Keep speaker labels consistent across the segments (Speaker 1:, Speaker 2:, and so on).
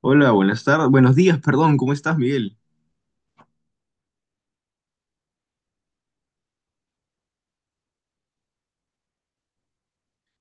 Speaker 1: Hola, buenas tardes, buenos días, perdón, ¿cómo estás, Miguel?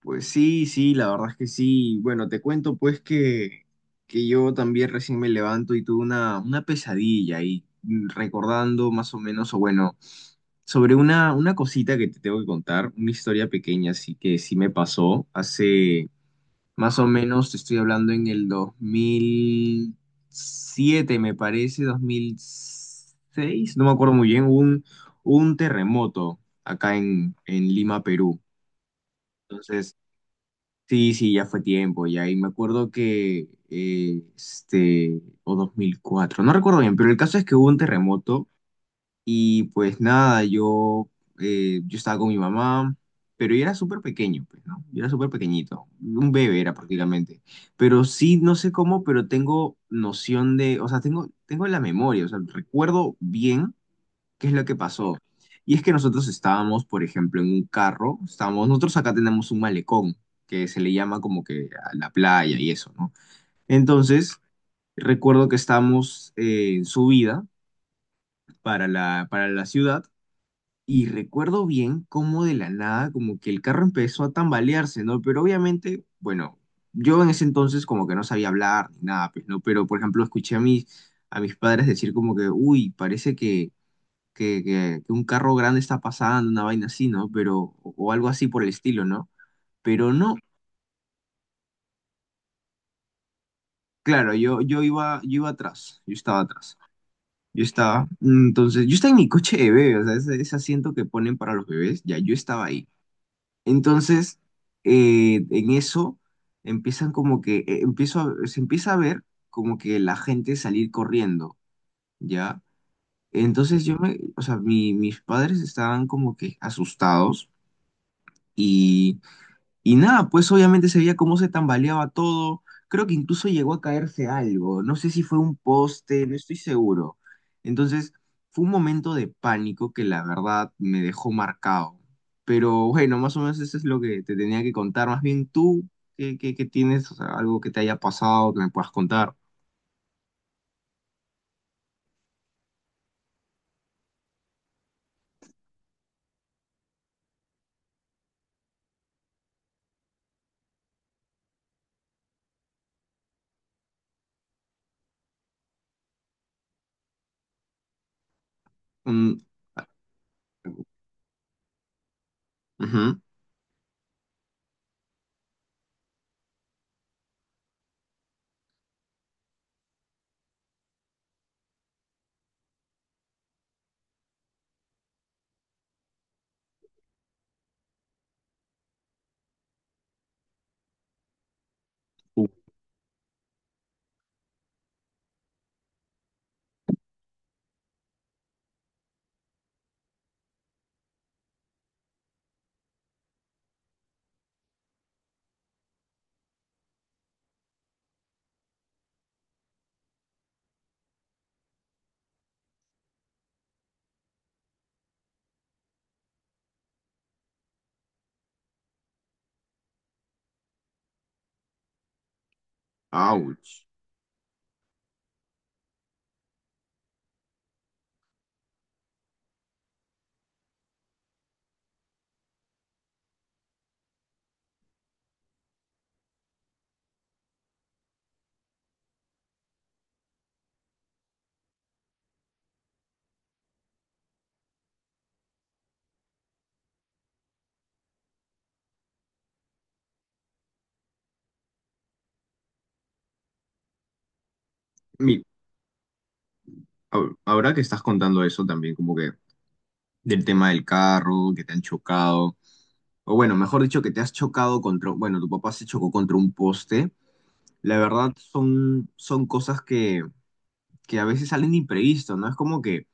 Speaker 1: Pues sí, sí, la verdad es que sí. Bueno, te cuento pues que yo también recién me levanto y tuve una pesadilla y recordando más o menos, o bueno, sobre una cosita que te tengo que contar, una historia pequeña así que sí me pasó hace. Más o menos te estoy hablando en el 2007 me parece, 2006 no me acuerdo muy bien, hubo un terremoto acá en Lima, Perú. Entonces, sí, sí, ya fue tiempo, ya. Y me acuerdo que, este, o 2004 no recuerdo bien, pero el caso es que hubo un terremoto y pues nada, yo estaba con mi mamá, pero yo era súper pequeño, pues, ¿no? Yo era súper pequeñito, un bebé era prácticamente. Pero sí, no sé cómo, pero tengo noción de, o sea, tengo la memoria, o sea, recuerdo bien qué es lo que pasó. Y es que nosotros estábamos, por ejemplo, en un carro, estábamos, nosotros acá tenemos un malecón, que se le llama como que a la playa y eso, ¿no? Entonces, recuerdo que estábamos en subida para la ciudad. Y recuerdo bien cómo de la nada, como que el carro empezó a tambalearse, ¿no? Pero obviamente, bueno, yo en ese entonces como que no sabía hablar ni nada, pues, ¿no? Pero, por ejemplo, escuché a mis padres decir como que, uy, parece que un carro grande está pasando, una vaina así, ¿no? Pero, o algo así por el estilo, ¿no? Pero no, claro, yo iba atrás, yo estaba atrás. Entonces, yo estaba en mi coche de bebé, o sea, ese asiento que ponen para los bebés, ya yo estaba ahí. Entonces, en eso empiezan como que, se empieza a ver como que la gente salir corriendo, ¿ya? Entonces o sea, mis padres estaban como que asustados y y nada, pues obviamente se veía cómo se tambaleaba todo. Creo que incluso llegó a caerse algo. No sé si fue un poste, no estoy seguro. Entonces, fue un momento de pánico que la verdad me dejó marcado. Pero bueno, más o menos eso es lo que te tenía que contar. Más bien tú, ¿qué tienes? O sea, algo que te haya pasado que me puedas contar. Mm, ujú. Uh, ouch. Mi- ahora que estás contando eso también, como que del tema del carro, que te han chocado. O bueno, mejor dicho, que te has chocado contra, bueno, tu papá se chocó contra un poste. La verdad son cosas que a veces salen imprevisto, ¿no? Es como que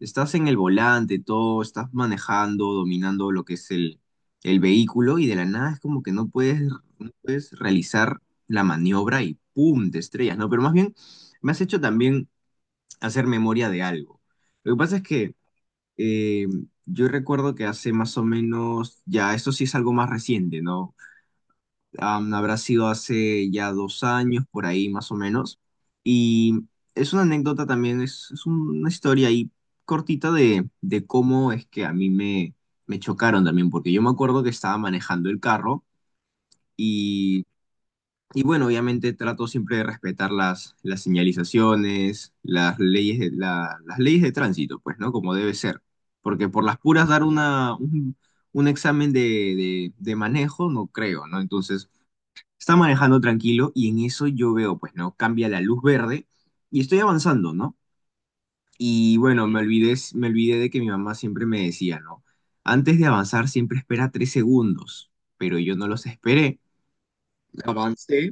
Speaker 1: estás en el volante, todo, estás manejando, dominando lo que es el vehículo y de la nada es como que no puedes realizar la maniobra y ¡pum! Te estrellas, ¿no? Pero más bien me has hecho también hacer memoria de algo. Lo que pasa es que eh, yo recuerdo que hace más o menos, ya esto sí es algo más reciente, ¿no? Habrá sido hace ya 2 años, por ahí más o menos. Y es una anécdota también, es una historia ahí cortita de cómo es que a mí me chocaron también, porque yo me acuerdo que estaba manejando el carro y, y bueno, obviamente trato siempre de respetar las señalizaciones, las leyes de tránsito, pues, ¿no? Como debe ser. Porque por las puras dar un examen de manejo, no creo, ¿no? Entonces está manejando tranquilo y en eso yo veo, pues no, cambia la luz verde y estoy avanzando, ¿no? Y bueno, me olvidé de que mi mamá siempre me decía, ¿no? Antes de avanzar siempre espera 3 segundos, pero yo no los esperé. Avancé.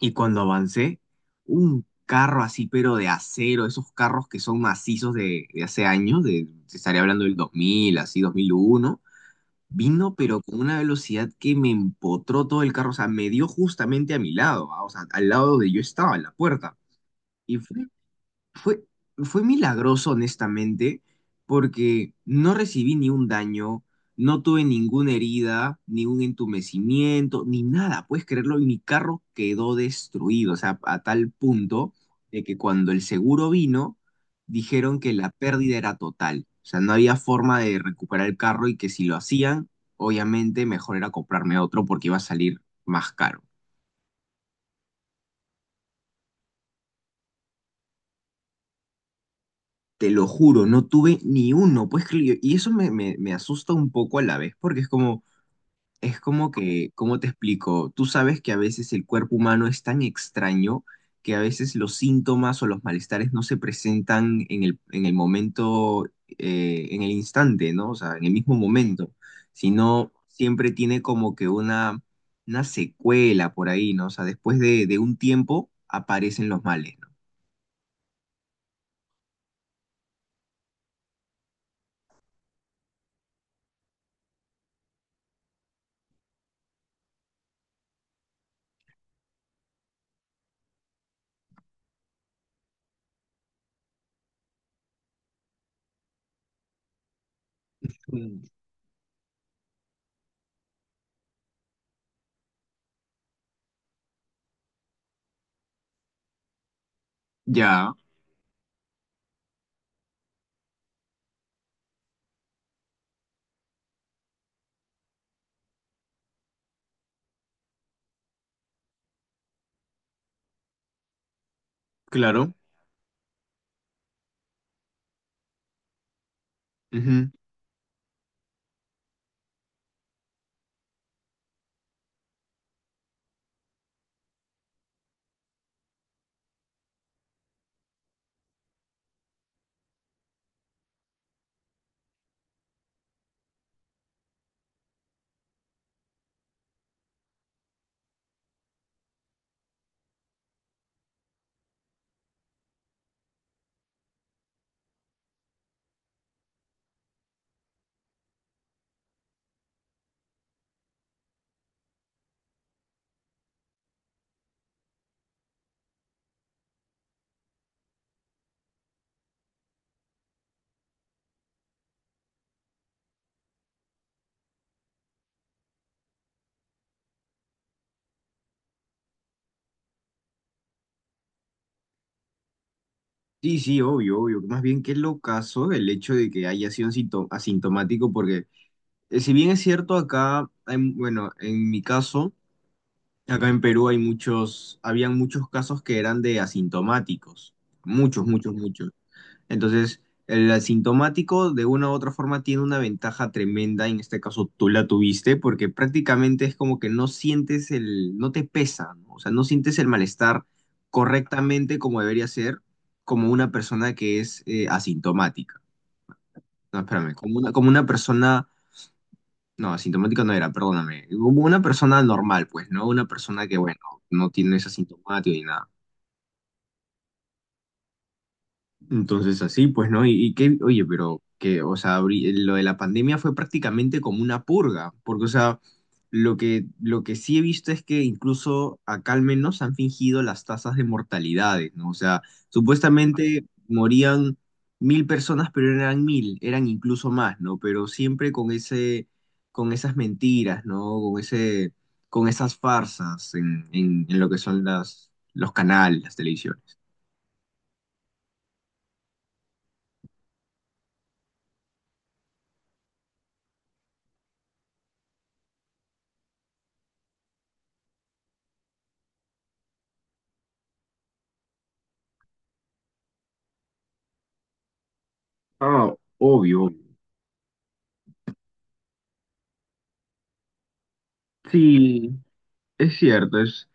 Speaker 1: Y cuando avancé, un carro así, pero de acero, esos carros que son macizos de hace años, se estaría hablando del 2000, así, 2001. Vino, pero con una velocidad que me empotró todo el carro. O sea, me dio justamente a mi lado, ah, o sea, al lado de yo estaba, en la puerta. Y fue, fue milagroso, honestamente, porque no recibí ni un daño, no tuve ninguna herida, ni un entumecimiento, ni nada, puedes creerlo, y mi carro quedó destruido, o sea, a tal punto de que cuando el seguro vino, dijeron que la pérdida era total, o sea, no había forma de recuperar el carro y que si lo hacían, obviamente mejor era comprarme otro porque iba a salir más caro. Te lo juro, no tuve ni uno. Pues, y eso me asusta un poco a la vez, porque es como que, ¿cómo te explico? Tú sabes que a veces el cuerpo humano es tan extraño que a veces los síntomas o los malestares no se presentan en el momento, en el instante, ¿no? O sea, en el mismo momento, sino siempre tiene como que una secuela por ahí, ¿no? O sea, después de un tiempo aparecen los males, ¿no? Mm. Ya, claro. Ujú. Sí, sí, obvio, obvio. Más bien que lo caso el hecho de que haya sido asintomático, porque si bien es cierto, acá, hay, bueno, en mi caso, acá en Perú hay muchos, habían muchos casos que eran de asintomáticos. Muchos, muchos, muchos. Entonces, el asintomático de una u otra forma tiene una ventaja tremenda, en este caso tú la tuviste, porque prácticamente es como que no sientes no te pesa, ¿no? O sea, no sientes el malestar correctamente como debería ser, como una persona que es asintomática. No, espérame, como una persona, no, asintomática no era, perdóname, como una persona normal, pues, ¿no? Una persona que, bueno, no tiene ese asintomático ni nada. Entonces así, pues, ¿no? Y qué, oye, pero que, o sea, lo de la pandemia fue prácticamente como una purga, porque, o sea, lo que sí he visto es que incluso acá al menos han fingido las tasas de mortalidades, ¿no? O sea, supuestamente morían 1.000 personas, pero no eran 1.000, eran incluso más, ¿no? Pero siempre con ese, con esas mentiras, ¿no? Con ese, con esas farsas en, en lo que son los canales, las televisiones. Ah, obvio. Sí, es cierto, es,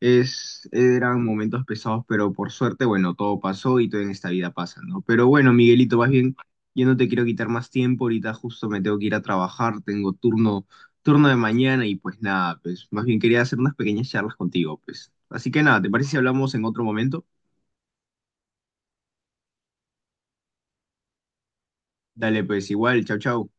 Speaker 1: es, eran momentos pesados, pero por suerte, bueno, todo pasó y todo en esta vida pasa, ¿no? Pero bueno, Miguelito, más bien, yo no te quiero quitar más tiempo, ahorita justo me tengo que ir a trabajar, tengo turno de mañana y pues nada, pues más bien quería hacer unas pequeñas charlas contigo, pues. Así que nada, ¿te parece si hablamos en otro momento? Dale, pues igual, chau, chau.